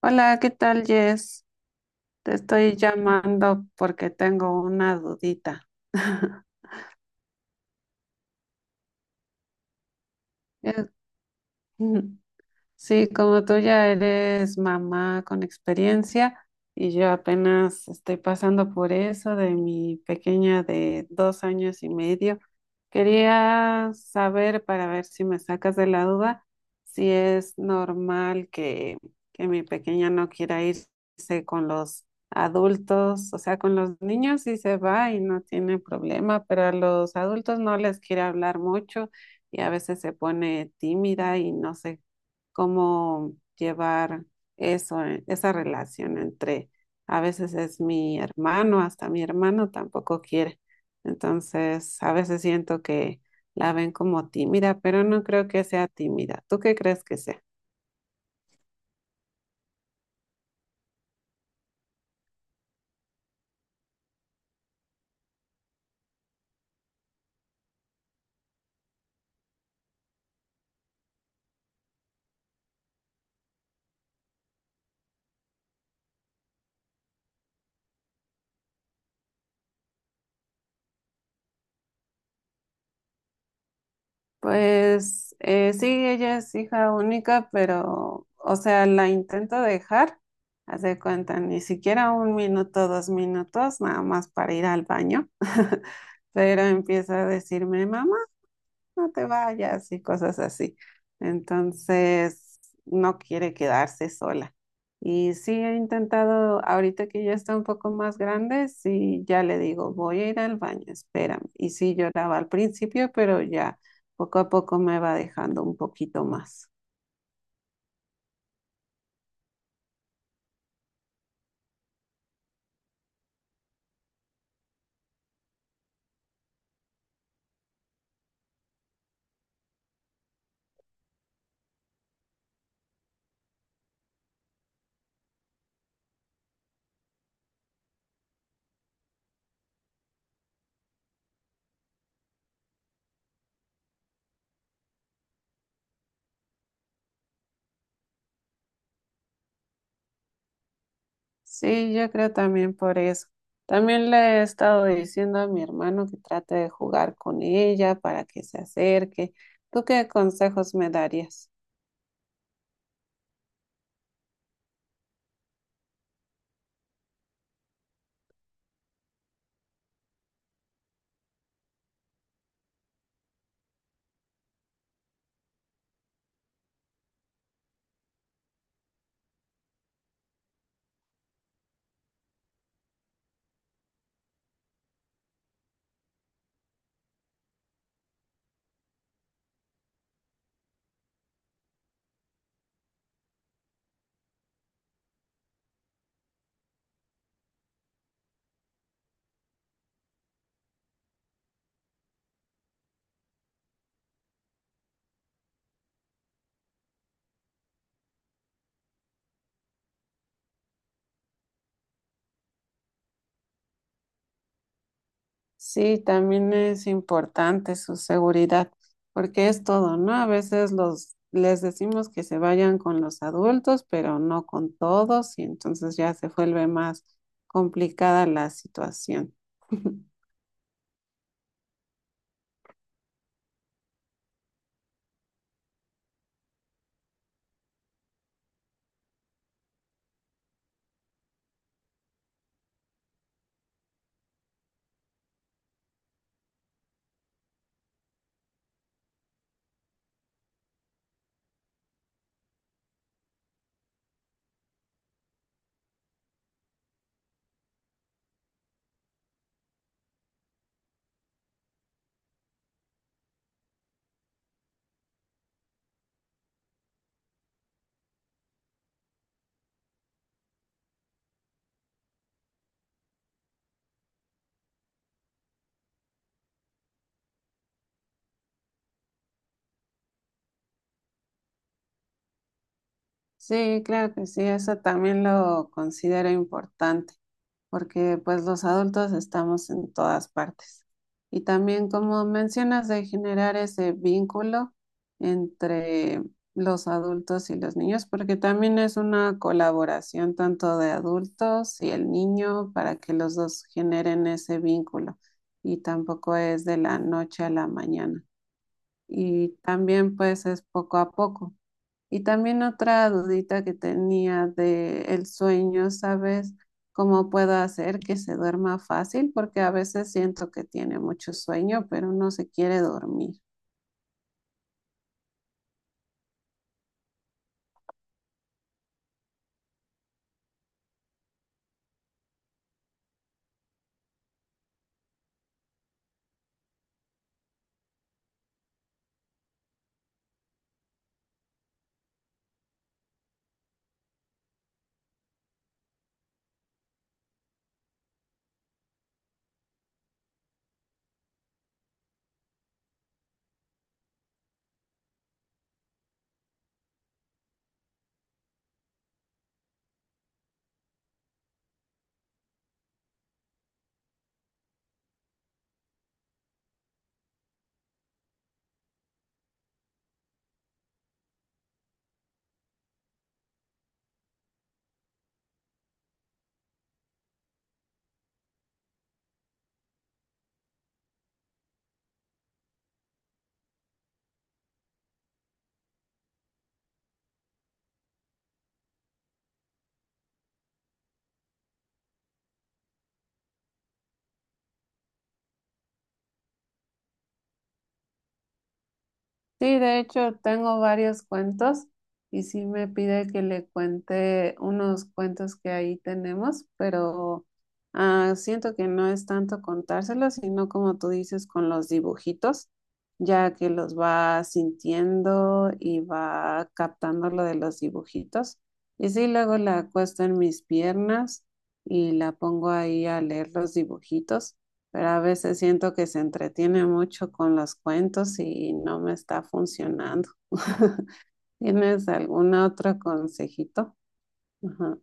Hola, ¿qué tal, Jess? Te estoy llamando porque tengo una dudita. Eh, Sí, como tú ya eres mamá con experiencia y yo apenas estoy pasando por eso de mi pequeña de 2 años y medio, quería saber para ver si me sacas de la duda si es normal que mi pequeña no quiera irse con los adultos, o sea, con los niños sí se va y no tiene problema, pero a los adultos no les quiere hablar mucho y a veces se pone tímida y no sé cómo llevar eso, esa relación entre, a veces es mi hermano, hasta mi hermano tampoco quiere. Entonces, a veces siento que la ven como tímida, pero no creo que sea tímida. ¿Tú qué crees que sea? Pues sí, ella es hija única, pero, o sea, la intento dejar, haz de cuenta, ni siquiera un minuto, dos minutos, nada más para ir al baño. Pero empieza a decirme, mamá, no te vayas y cosas así. Entonces, no quiere quedarse sola. Y sí he intentado, ahorita que ya está un poco más grande, sí ya le digo, voy a ir al baño, espérame. Y sí lloraba al principio, pero ya poco a poco me va dejando un poquito más. Sí, yo creo también por eso. También le he estado diciendo a mi hermano que trate de jugar con ella para que se acerque. ¿Tú qué consejos me darías? Sí, también es importante su seguridad, porque es todo, ¿no? A veces los les decimos que se vayan con los adultos, pero no con todos, y entonces ya se vuelve más complicada la situación. Sí, claro que sí, eso también lo considero importante, porque pues los adultos estamos en todas partes. Y también, como mencionas, de generar ese vínculo entre los adultos y los niños, porque también es una colaboración tanto de adultos y el niño para que los dos generen ese vínculo. Y tampoco es de la noche a la mañana. Y también pues es poco a poco. Y también otra dudita que tenía de el sueño, ¿sabes cómo puedo hacer que se duerma fácil? Porque a veces siento que tiene mucho sueño, pero no se quiere dormir. Sí, de hecho tengo varios cuentos y sí me pide que le cuente unos cuentos que ahí tenemos, pero siento que no es tanto contárselos, sino como tú dices con los dibujitos, ya que los va sintiendo y va captando lo de los dibujitos. Y sí, luego la acuesto en mis piernas y la pongo ahí a leer los dibujitos, pero a veces siento que se entretiene mucho con los cuentos y no me está funcionando. ¿Tienes algún otro consejito? Ajá.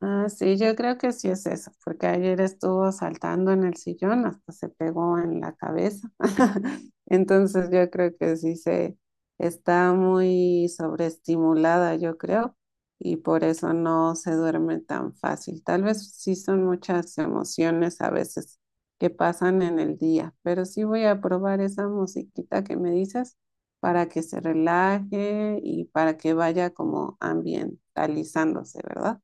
Ah, sí, yo creo que sí es eso, porque ayer estuvo saltando en el sillón, hasta se pegó en la cabeza. Entonces yo creo que sí se está muy sobreestimulada, yo creo, y por eso no se duerme tan fácil. Tal vez sí son muchas emociones a veces que pasan en el día, pero sí voy a probar esa musiquita que me dices para que se relaje y para que vaya como ambientalizándose, ¿verdad?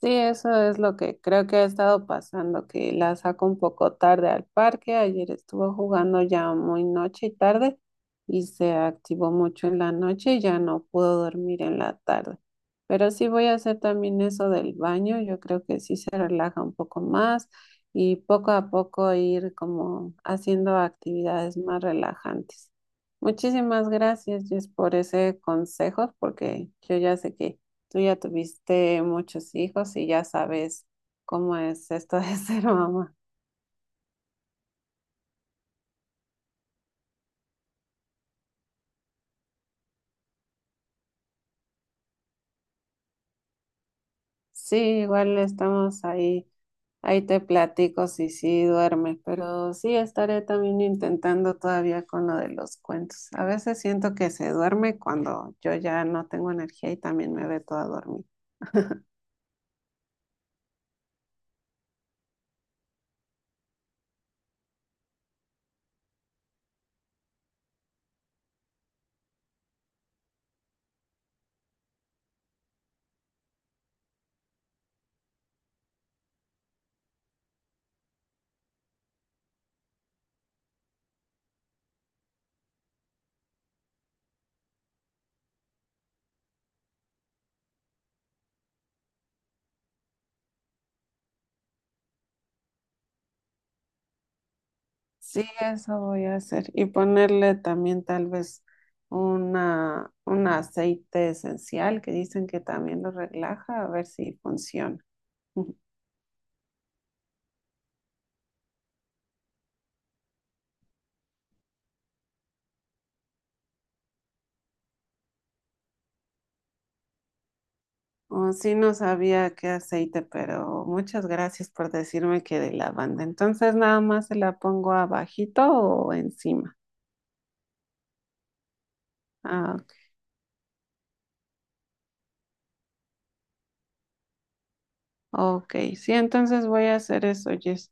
Sí, eso es lo que creo que ha estado pasando, que la saco un poco tarde al parque. Ayer estuvo jugando ya muy noche y tarde y se activó mucho en la noche y ya no pudo dormir en la tarde. Pero sí voy a hacer también eso del baño. Yo creo que sí se relaja un poco más y poco a poco ir como haciendo actividades más relajantes. Muchísimas gracias, Jess, por ese consejo, porque yo ya sé que tú ya tuviste muchos hijos y ya sabes cómo es esto de ser mamá. Sí, igual estamos ahí, ahí te platico si sí duermes, pero sí estaré también intentando todavía con lo de los cuentos. A veces siento que se duerme cuando yo ya no tengo energía y también me ve toda dormida. Sí, eso voy a hacer y ponerle también tal vez una, un aceite esencial que dicen que también lo relaja, a ver si funciona. Ujú. Oh, sí, no sabía qué aceite, pero muchas gracias por decirme que de lavanda. Entonces, nada más se la pongo abajito o encima. Ah, ok, sí, entonces voy a hacer eso, Jess.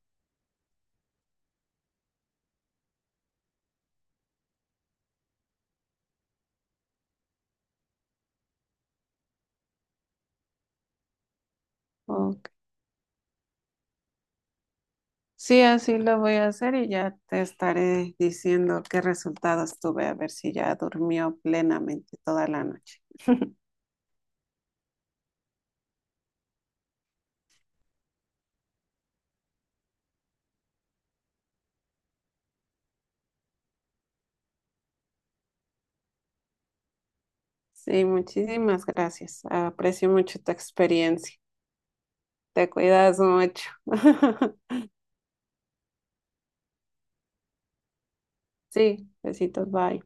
Sí, así lo voy a hacer y ya te estaré diciendo qué resultados tuve, a ver si ya durmió plenamente toda la noche. Sí, muchísimas gracias. Aprecio mucho tu experiencia. Te cuidas mucho. Sí, besitos, bye.